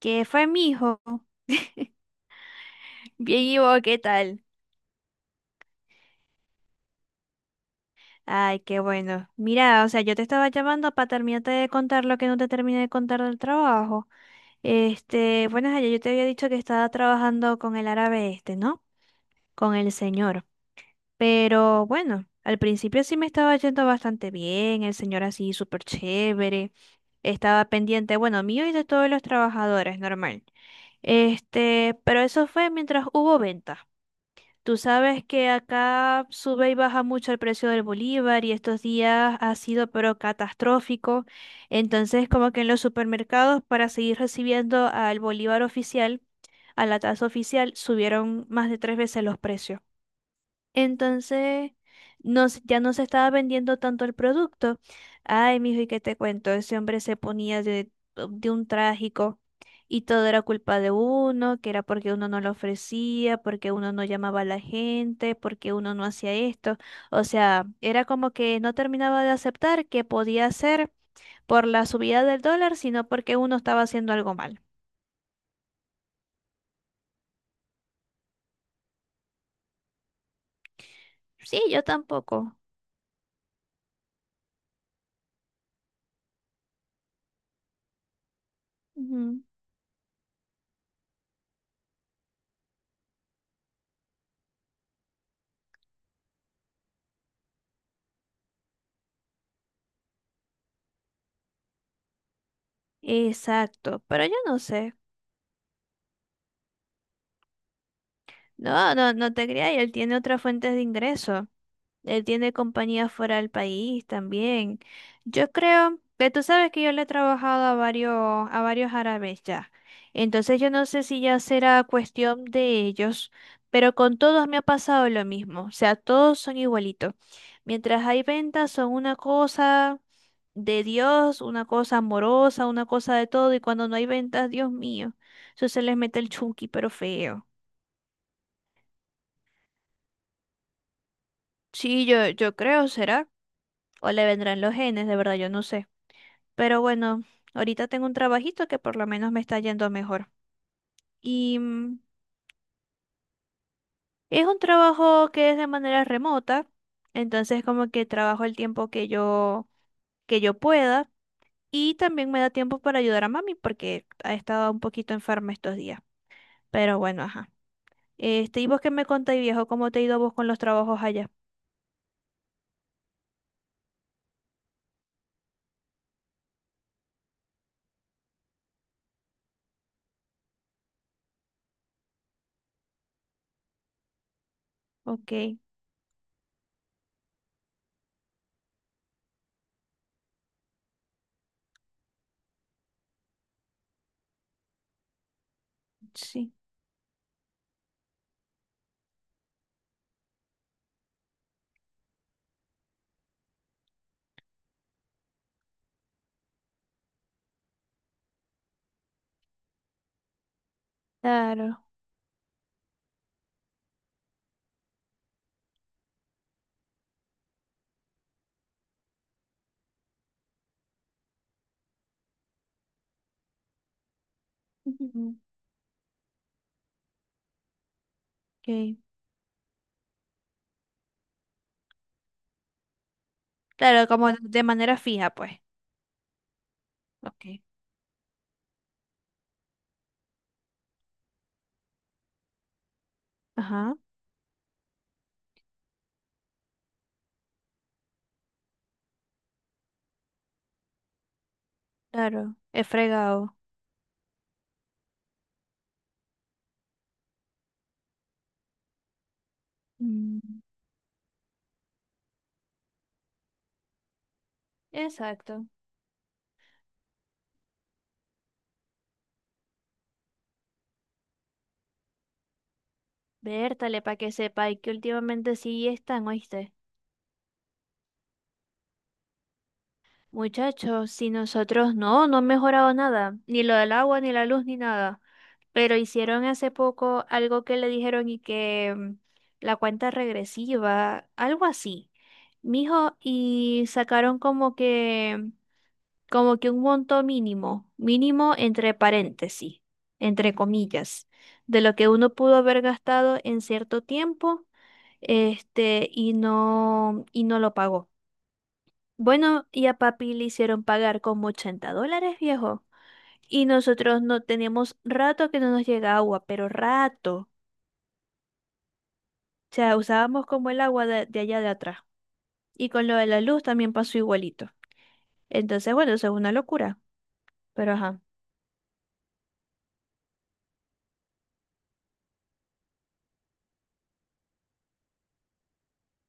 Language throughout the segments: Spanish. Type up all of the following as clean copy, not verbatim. ¿Qué fue, mi hijo? Bien, ¿y vos qué tal? Ay, qué bueno. Mira, o sea, yo te estaba llamando para terminarte de contar lo que no te terminé de contar del trabajo. Bueno, ayer yo te había dicho que estaba trabajando con el árabe este, ¿no? Con el señor. Pero bueno, al principio sí me estaba yendo bastante bien, el señor así súper chévere. Estaba pendiente, bueno, mío y de todos los trabajadores, normal. Pero eso fue mientras hubo venta. Tú sabes que acá sube y baja mucho el precio del bolívar y estos días ha sido pero catastrófico. Entonces, como que en los supermercados, para seguir recibiendo al bolívar oficial, a la tasa oficial, subieron más de 3 veces los precios. Entonces, no, ya no se estaba vendiendo tanto el producto. Ay, mijo, ¿y qué te cuento? Ese hombre se ponía de, oh, de un trágico y todo era culpa de uno, que era porque uno no lo ofrecía, porque uno no llamaba a la gente, porque uno no hacía esto. O sea, era como que no terminaba de aceptar que podía ser por la subida del dólar, sino porque uno estaba haciendo algo mal. Sí, yo tampoco. Ujú. Exacto, pero yo no sé. No, no, no te creas, y él tiene otras fuentes de ingreso. Él tiene compañías fuera del país también. Yo creo que tú sabes que yo le he trabajado a varios árabes ya. Entonces yo no sé si ya será cuestión de ellos, pero con todos me ha pasado lo mismo. O sea, todos son igualitos. Mientras hay ventas, son una cosa de Dios, una cosa amorosa, una cosa de todo, y cuando no hay ventas, Dios mío, eso se les mete el chunky, pero feo. Sí, yo creo, será. O le vendrán los genes, de verdad, yo no sé. Pero bueno, ahorita tengo un trabajito que por lo menos me está yendo mejor. Y es un trabajo que es de manera remota, entonces como que trabajo el tiempo que que yo pueda. Y también me da tiempo para ayudar a mami porque ha estado un poquito enferma estos días. Pero bueno, ajá. Este, ¿y vos qué me contáis, viejo? ¿Cómo te ha ido a vos con los trabajos allá? Ok, sí, claro. Ujú. Ok. Claro, como de manera fija, pues. Ok. Ajá, claro, he fregado. Mm. Exacto. Vértale para que sepa y que últimamente sí están, ¿oíste? Muchachos, si nosotros no han mejorado nada, ni lo del agua, ni la luz, ni nada. Pero hicieron hace poco algo que le dijeron y que la cuenta regresiva, algo así. Mijo, y sacaron como que un monto mínimo, mínimo entre paréntesis, entre comillas, de lo que uno pudo haber gastado en cierto tiempo, y y no lo pagó. Bueno, y a papi le hicieron pagar como $80, viejo. Y nosotros no teníamos rato que no nos llega agua, pero rato. O sea, usábamos como el agua de allá de atrás. Y con lo de la luz también pasó igualito. Entonces, bueno, eso es una locura. Pero ajá.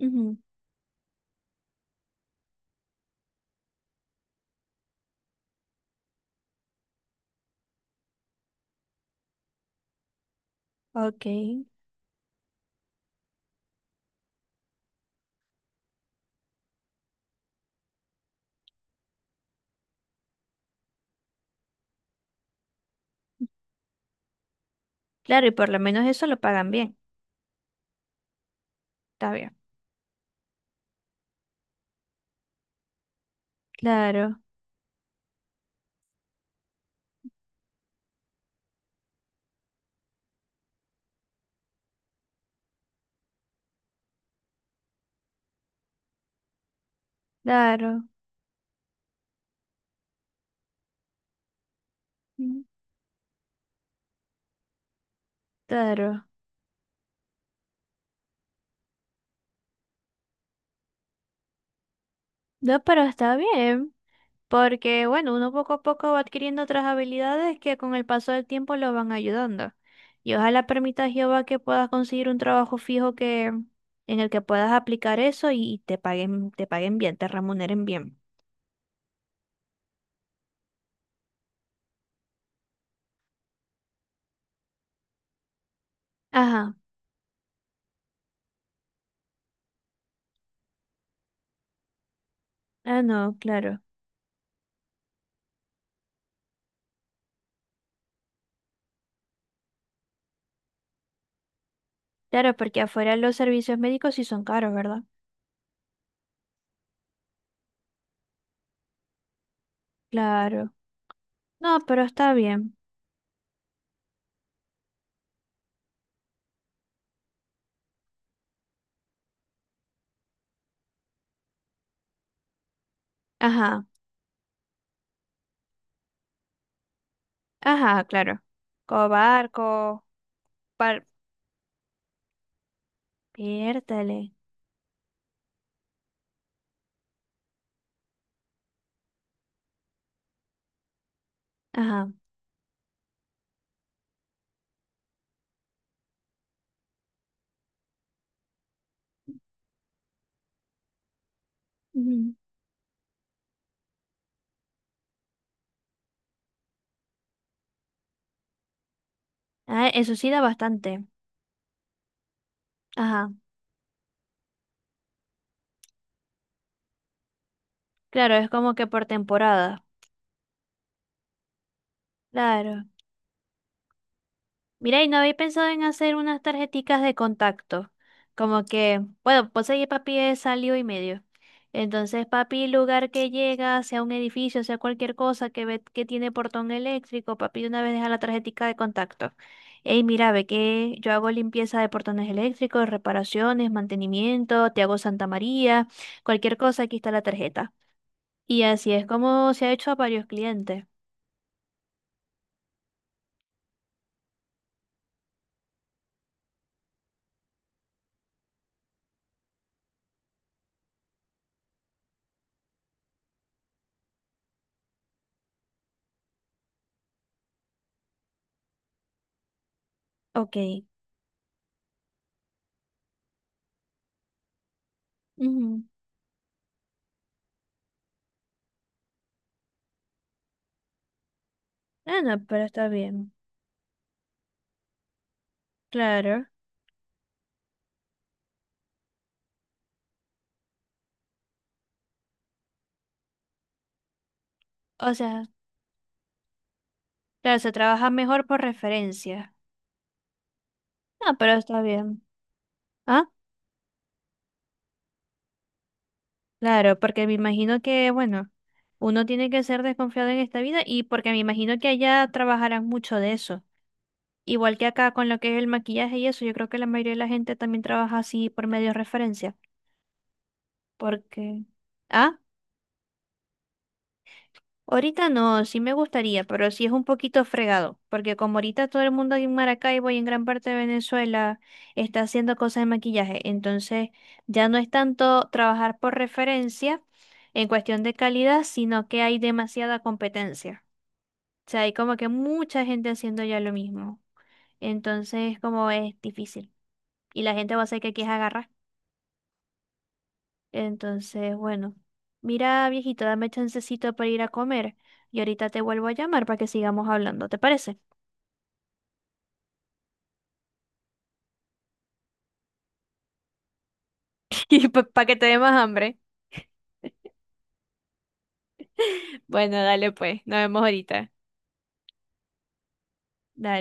Ujú. Ok. Claro, y por lo menos eso lo pagan bien. Está bien. Claro, claro, mm, claro. No, pero está bien, porque bueno, uno poco a poco va adquiriendo otras habilidades que con el paso del tiempo lo van ayudando. Y ojalá permita a Jehová que puedas conseguir un trabajo fijo que en el que puedas aplicar eso y te paguen bien, te remuneren bien. Ajá. Ah, no, claro. Claro, porque afuera los servicios médicos sí son caros, ¿verdad? Claro. No, pero está bien. Ajá. Ajá, claro. Como barco, par... Piértale. Ajá. Ujú. Ah, eso sí da bastante. Ajá. Claro, es como que por temporada. Claro. Mira, y no había pensado en hacer unas tarjeticas de contacto. Como que, bueno, pues ahí papi es salió y medio. Entonces, papi, lugar que llega, sea un edificio, sea cualquier cosa que ve que tiene portón eléctrico, papi de una vez deja la tarjetica de contacto. Ey, mira, ve que yo hago limpieza de portones eléctricos, reparaciones, mantenimiento, te hago Santa María, cualquier cosa, aquí está la tarjeta. Y así es como se ha hecho a varios clientes. Ok. Ujú. Ah, no, pero está bien. Claro. O sea, claro, se trabaja mejor por referencia. Ah, pero está bien. Ah, claro, porque me imagino que, bueno, uno tiene que ser desconfiado en esta vida y porque me imagino que allá trabajarán mucho de eso. Igual que acá con lo que es el maquillaje y eso, yo creo que la mayoría de la gente también trabaja así por medio de referencia. Porque... Ah. Ahorita no, sí me gustaría, pero sí es un poquito fregado, porque como ahorita todo el mundo en Maracaibo y en gran parte de Venezuela está haciendo cosas de maquillaje, entonces ya no es tanto trabajar por referencia en cuestión de calidad, sino que hay demasiada competencia. O sea, hay como que mucha gente haciendo ya lo mismo. Entonces, como es difícil. Y la gente va a hacer que aquí es agarrar. Entonces, bueno, mira, viejito, dame chancecito para ir a comer y ahorita te vuelvo a llamar para que sigamos hablando, ¿te parece? Y para que te dé más hambre. Bueno, dale pues, nos vemos ahorita. Dale.